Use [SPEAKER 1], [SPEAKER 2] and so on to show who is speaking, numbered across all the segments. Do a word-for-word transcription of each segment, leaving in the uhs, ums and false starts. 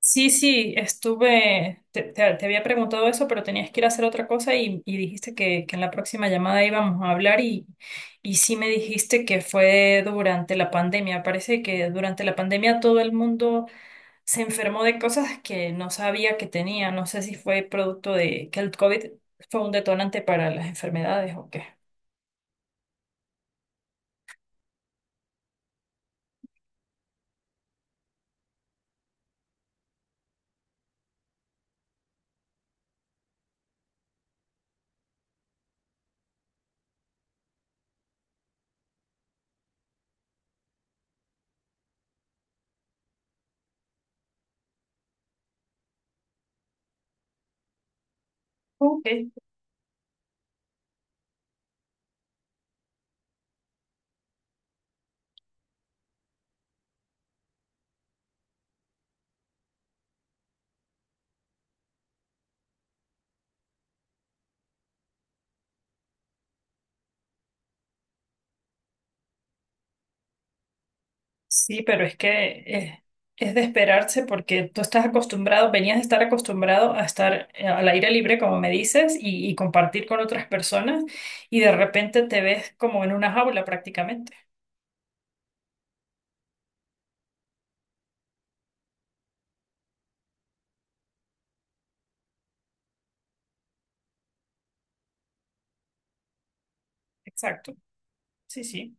[SPEAKER 1] Sí, sí, estuve, te, te- te había preguntado eso, pero tenías que ir a hacer otra cosa y, y dijiste que, que en la próxima llamada íbamos a hablar y, y sí me dijiste que fue durante la pandemia. Parece que durante la pandemia todo el mundo se enfermó de cosas que no sabía que tenía. No sé si fue producto de que el COVID fue un detonante para las enfermedades o qué. Ok. Sí, pero es que eh, es de esperarse porque tú estás acostumbrado, venías de estar acostumbrado a estar eh, al aire libre, como me dices, y, y compartir con otras personas, y de repente te ves como en una jaula prácticamente. Exacto. Sí, sí.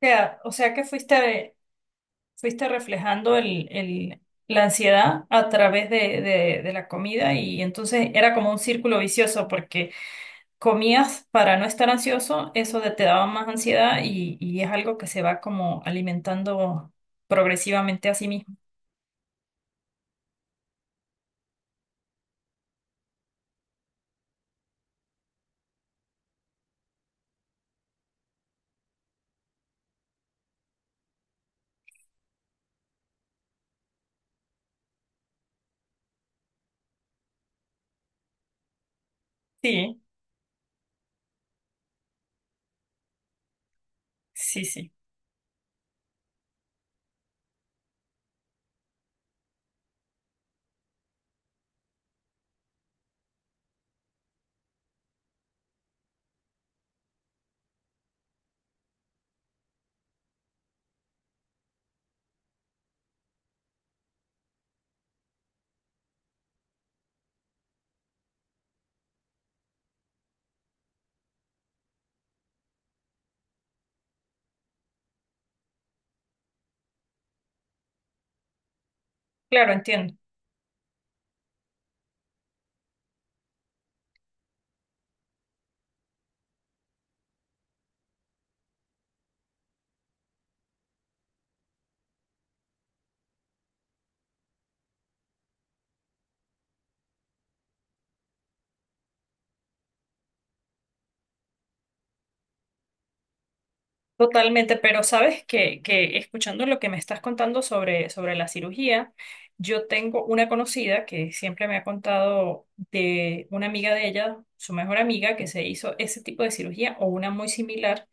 [SPEAKER 1] O sea, o sea que fuiste, fuiste reflejando el, el- la ansiedad a través de, de de la comida y entonces era como un círculo vicioso porque comías para no estar ansioso, eso de- te daba más ansiedad y, y es algo que se va como alimentando progresivamente a sí mismo. Sí, sí, sí. Claro, entiendo. Totalmente, pero sabes que, que escuchando lo que me estás contando sobre, sobre la cirugía, yo tengo una conocida que siempre me ha contado de una amiga de ella, su mejor amiga, que se hizo ese tipo de cirugía o una muy similar.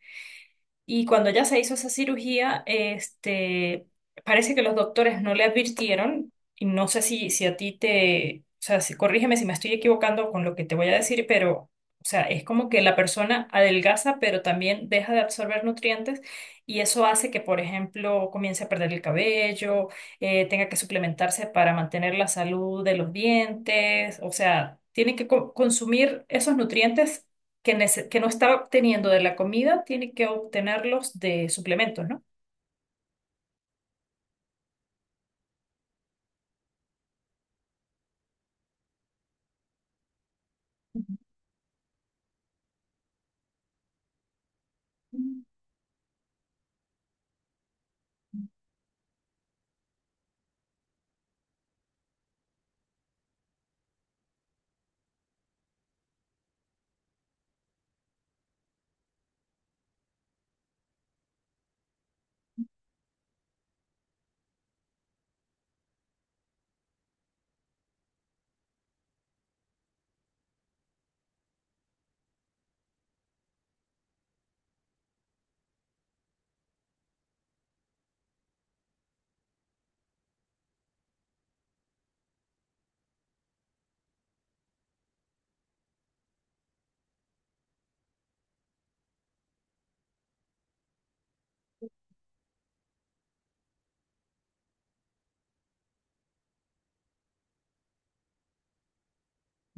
[SPEAKER 1] Y cuando ella se hizo esa cirugía, este, parece que los doctores no le advirtieron, y no sé si, si a ti te, o sea, si, corrígeme si me estoy equivocando con lo que te voy a decir, pero, o sea, es como que la persona adelgaza, pero también deja de absorber nutrientes, y eso hace que, por ejemplo, comience a perder el cabello, eh, tenga que suplementarse para mantener la salud de los dientes, o sea, tiene que co- consumir esos nutrientes que, nece- que no está obteniendo de la comida, tiene que obtenerlos de suplementos, ¿no? Ujú.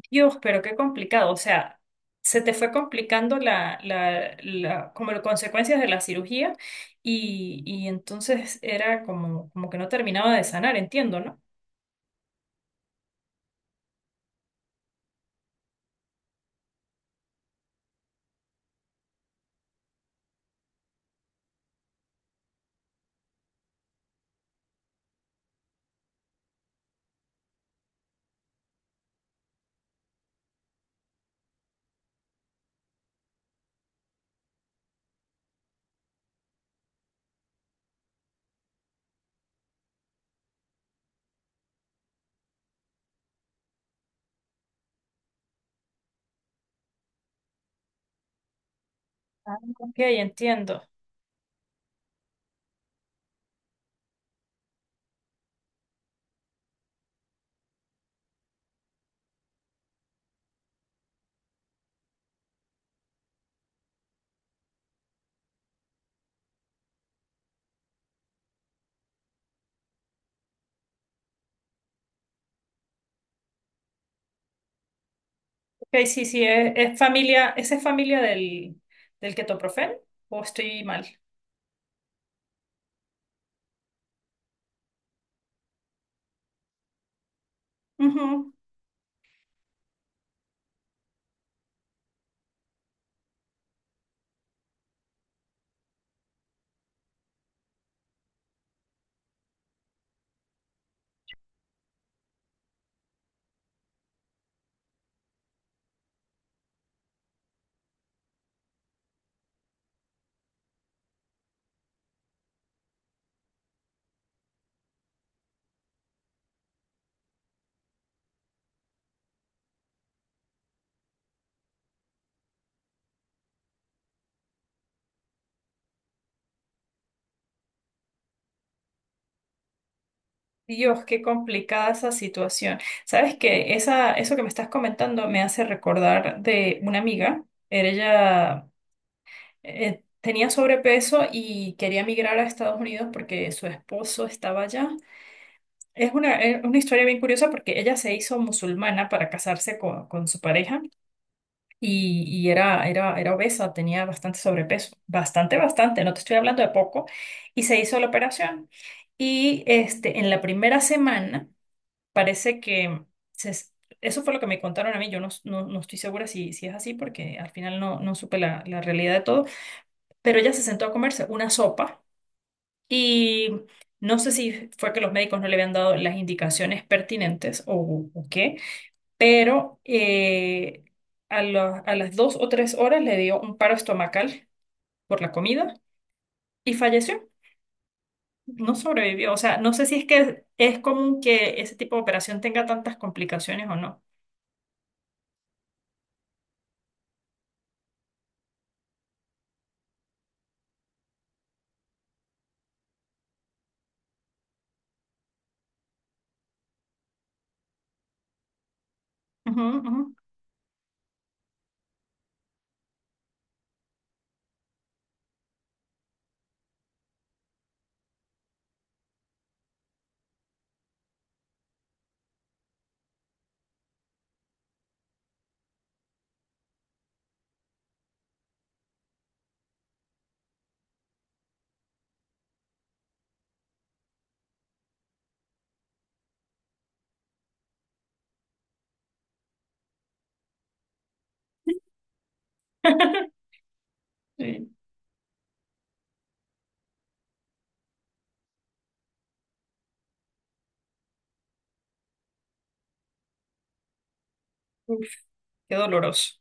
[SPEAKER 1] Dios, pero qué complicado. O sea, se te fue complicando la, la, la- como las consecuencias de la cirugía y, y entonces era como, como que no terminaba de sanar, entiendo, ¿no? Ok, entiendo. Ok, sí, sí, es, es familia, ¿esa es familia del, del ketoprofeno o estoy mal? Ujú. Dios, qué complicada esa situación. Sabes que esa, eso que me estás comentando me hace recordar de una amiga. Era ella eh, tenía sobrepeso y quería migrar a Estados Unidos porque su esposo estaba allá. Es una, es una historia bien curiosa porque ella se hizo musulmana para casarse con, con su pareja y, y era, era, era obesa, tenía bastante sobrepeso. Bastante, bastante, no te estoy hablando de poco. Y se hizo la operación. Y este, en la primera semana parece que se es- eso fue lo que me contaron a mí. Yo no, no, no estoy segura si, si es así porque al final no, no supe la, la realidad de todo. Pero ella se sentó a comerse una sopa y no sé si fue que los médicos no le habían dado las indicaciones pertinentes o, o qué, pero eh, a, la- a las dos o tres horas le dio un paro estomacal por la comida y falleció. No sobrevivió. O sea, no sé si es que es común que ese tipo de operación tenga tantas complicaciones o no. Ujú, ujú. Sí. Uf, qué doloroso.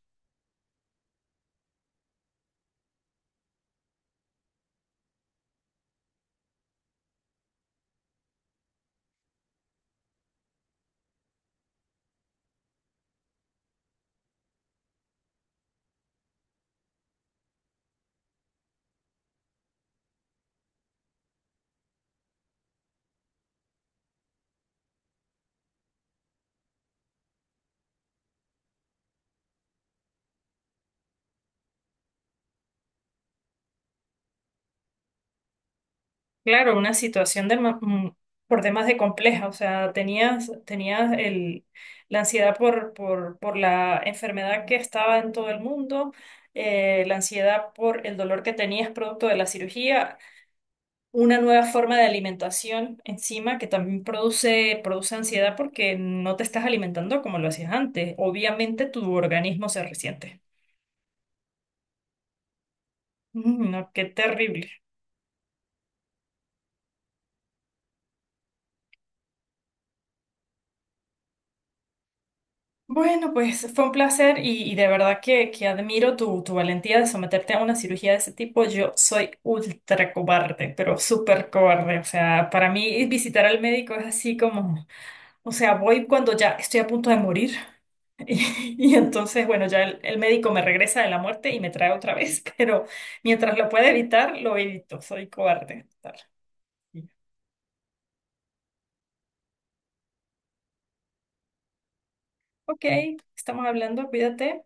[SPEAKER 1] Claro, una situación de, ma- mm, por demás de compleja, o sea, tenías, tenías el, la ansiedad por, por, por la enfermedad que estaba en todo el mundo, eh, la ansiedad por el dolor que tenías producto de la cirugía, una nueva forma de alimentación encima que también produce, produce ansiedad porque no te estás alimentando como lo hacías antes. Obviamente tu organismo se resiente. Mm, no, qué terrible. Bueno, pues fue un placer y, y de verdad que, que admiro tu, tu valentía de someterte a una cirugía de ese tipo. Yo soy ultra cobarde, pero súper cobarde. O sea, para mí visitar al médico es así como, o sea, voy cuando ya estoy a punto de morir. Y, y entonces, bueno, ya el, el médico me regresa de la muerte y me trae otra vez, pero mientras lo pueda evitar, lo evito. Soy cobarde. Tal. Ok, estamos hablando, cuídate.